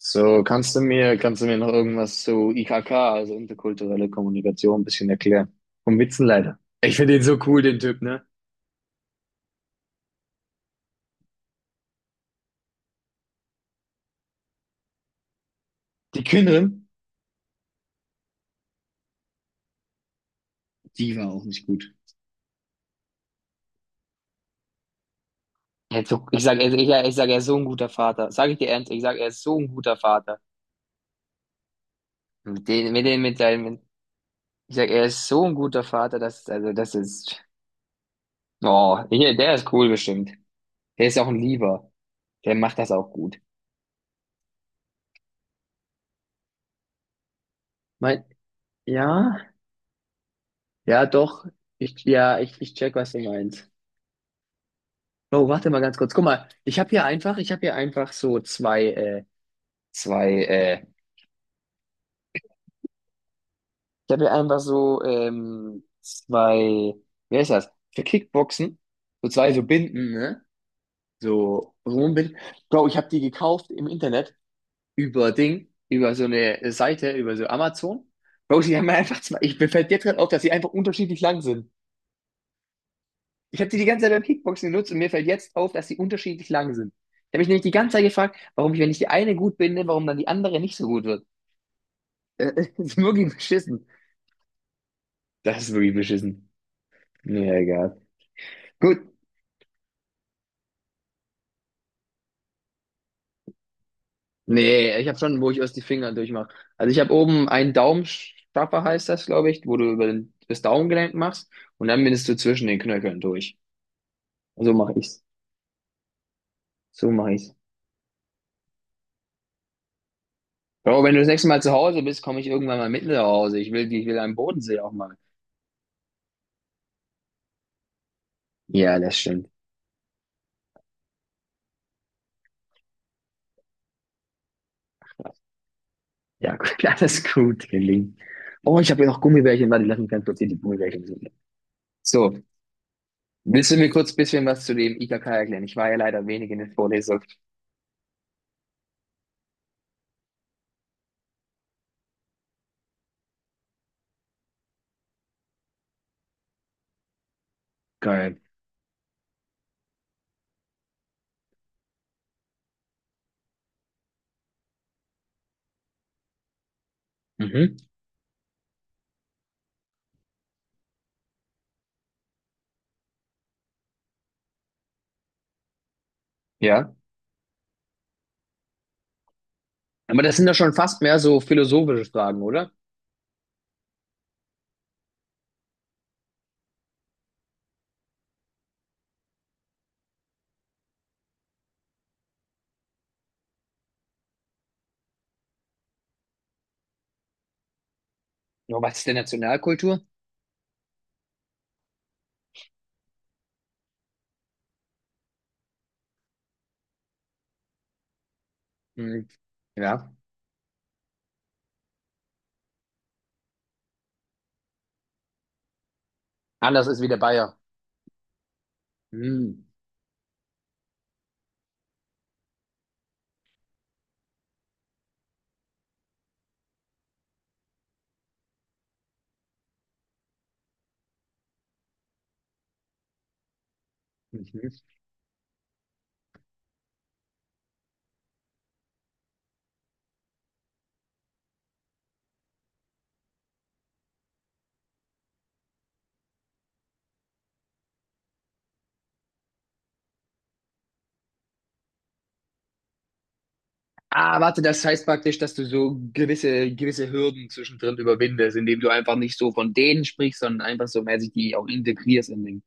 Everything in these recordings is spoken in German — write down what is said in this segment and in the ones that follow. So, kannst du mir noch irgendwas zu IKK, also interkulturelle Kommunikation, ein bisschen erklären? Vom Witzenleiter. Ich finde den so cool, den Typ, ne? Die Künnerin, die war auch nicht gut. Er hat So ich sag, ich sag, er ist so ein guter Vater. Sag ich dir ernst, ich sag, er ist so ein guter Vater. Mit den, mit den, mit seinen, ich sag, er ist so ein guter Vater, dass also, oh, hier, der ist cool bestimmt. Der ist auch ein Lieber. Der macht das auch gut. Mein, ja, ja, doch. Ich, ich check, was du meinst. Oh, warte mal ganz kurz. Guck mal, ich habe hier einfach so zwei, äh, ich habe hier einfach so zwei, wer ist das? Für Kickboxen, so zwei so Binden, ne? So Rumbinden. Bro, ich habe die gekauft im Internet über Ding, über so eine Seite, über so Amazon. Bro, die haben mir einfach zwei. Ich mir fällt jetzt gerade auf, dass sie einfach unterschiedlich lang sind. Ich habe die ganze Zeit beim Kickboxen genutzt und mir fällt jetzt auf, dass sie unterschiedlich lang sind. Ich habe mich nämlich die ganze Zeit gefragt, warum ich, wenn ich die eine gut binde, warum dann die andere nicht so gut wird. Das ist wirklich beschissen. Das ist wirklich beschissen. Ja, egal. Gut. Nee, ich habe schon, wo ich erst die Finger durchmache. Also ich habe oben einen Daumenstrapper, heißt das, glaube ich, wo du über den, das Daumengelenk machst, und dann bindest du zwischen den Knöcheln durch. So mache ich's. So mache ich's. Bro, wenn du das nächste Mal zu Hause bist, komme ich irgendwann mal mit nach Hause. Ich will, ich will einen Bodensee auch mal. Ja, das stimmt. Ja, gut, alles gut, gelingt. Oh, ich habe hier noch Gummibärchen. Warte, lass mich ganz kurz hier die Gummibärchen suchen. So, willst du mir kurz ein bisschen was zu dem IKK erklären? Ich war ja leider wenig in der Vorlesung. Geil. Mhm. Ja. Aber das sind ja schon fast mehr so philosophische Fragen, oder? Ja, was ist denn Nationalkultur? Hm, ja. Anders ist wie der Bayer. Hm. Mhm. Ah, warte, das heißt praktisch, dass du so gewisse, gewisse Hürden zwischendrin überwindest, indem du einfach nicht so von denen sprichst, sondern einfach so mäßig die auch integrierst in den.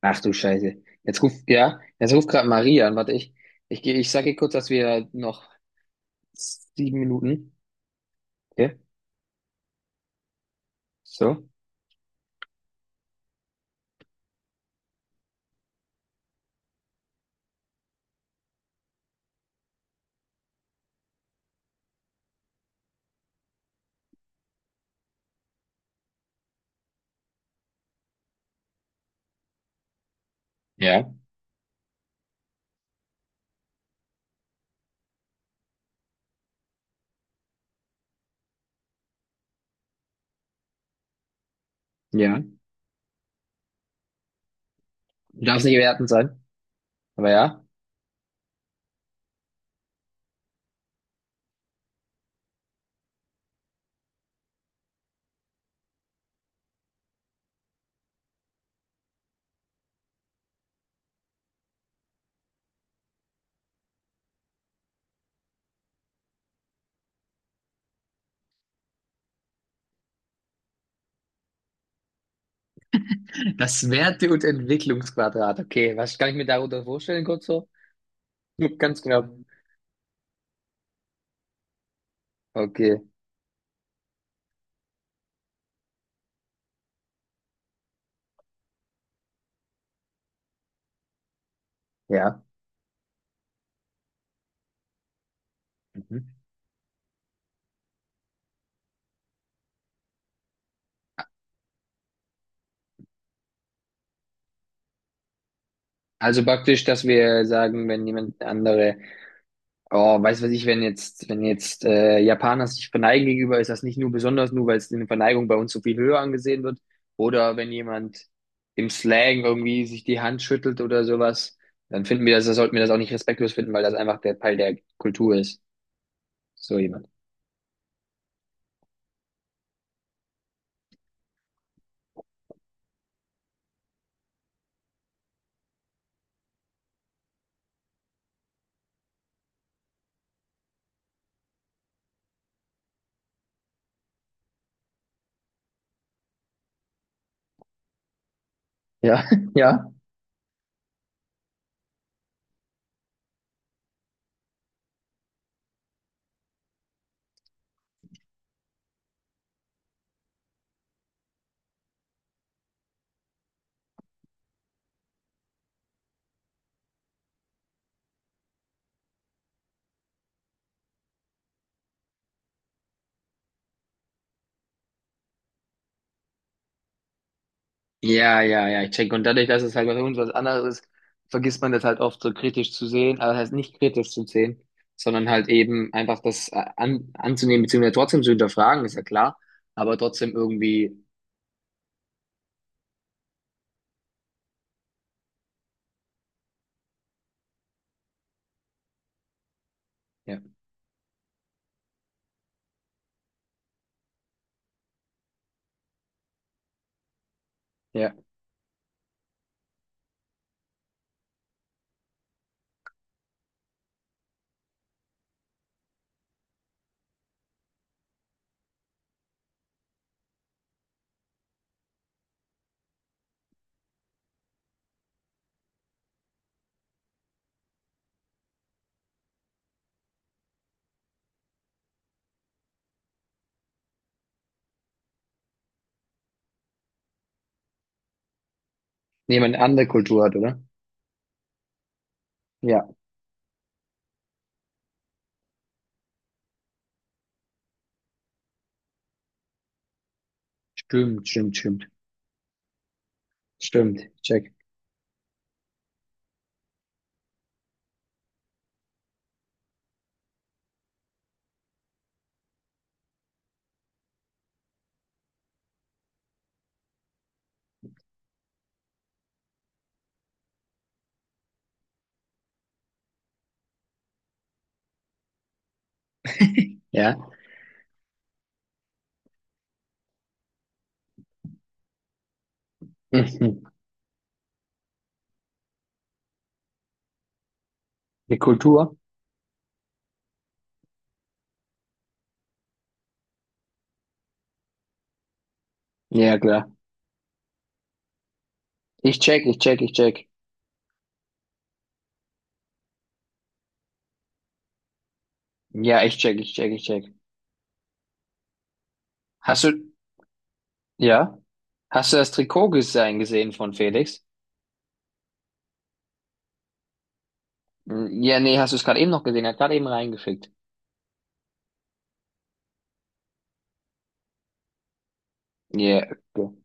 Ach du Scheiße. Jetzt ruft, ja, jetzt ruft gerade Maria an. Warte, ich gehe, ich sage ihr kurz, dass wir noch 7 Minuten. Okay, so. Ja. Ja. Du darfst nicht wertend sein. Aber ja. Das Werte- und Entwicklungsquadrat. Okay, was kann ich mir darunter vorstellen, kurz so? Nur ganz genau. Okay, ja. Mhm. Also praktisch, dass wir sagen, wenn jemand andere. Oh, weiß was ich, wenn jetzt, wenn jetzt Japaner sich verneigen gegenüber, ist das nicht nur besonders, nur weil es in der Verneigung bei uns so viel höher angesehen wird. Oder wenn jemand im Slang irgendwie sich die Hand schüttelt oder sowas, dann finden wir das, das sollten wir das auch nicht respektlos finden, weil das einfach der Teil der Kultur ist. So jemand. Ja, ja. Ja, ja, ja, ich check. Und dadurch, dass es halt bei uns was anderes ist, vergisst man das halt oft so kritisch zu sehen, aber das heißt nicht kritisch zu sehen, sondern halt eben einfach das anzunehmen, beziehungsweise trotzdem zu hinterfragen, ist ja klar, aber trotzdem irgendwie, ja, ja, jemand eine andere Kultur hat, oder? Ja, stimmt, stimmt, stimmt, stimmt, check. Ja, mhm. Die Kultur? Ja, klar. Ich check, ich check, ich check. Ja, ich check, ich check, ich check. Hast du, ja, hast du das Trikotdesign gesehen von Felix? Ja, nee, hast du es gerade eben noch gesehen? Er hat gerade eben reingeschickt. Ja, okay.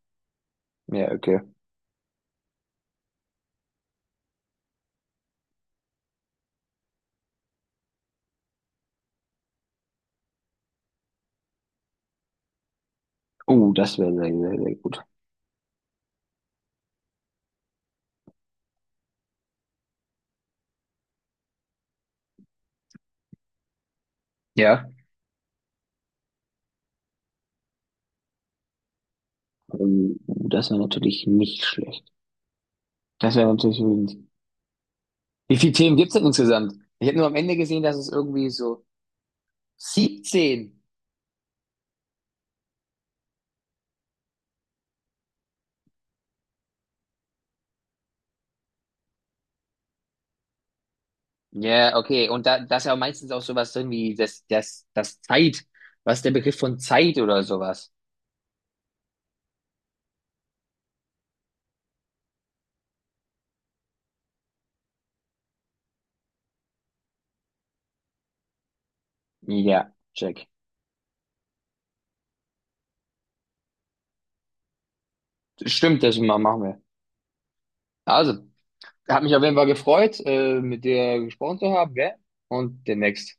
Ja, okay. Oh, das wäre sehr, sehr, sehr gut. Ja. Oh, das wäre natürlich nicht schlecht. Das wäre natürlich nicht. Wie viele Themen gibt es denn insgesamt? Ich habe nur am Ende gesehen, dass es irgendwie so 17. Ja, okay. Und da, da ist ja auch meistens auch sowas drin wie das Zeit. Was ist der Begriff von Zeit oder sowas? Ja, check. Stimmt, das machen wir. Also. Hat mich auf jeden Fall gefreut, mit dir gesprochen zu haben, gell? Und demnächst.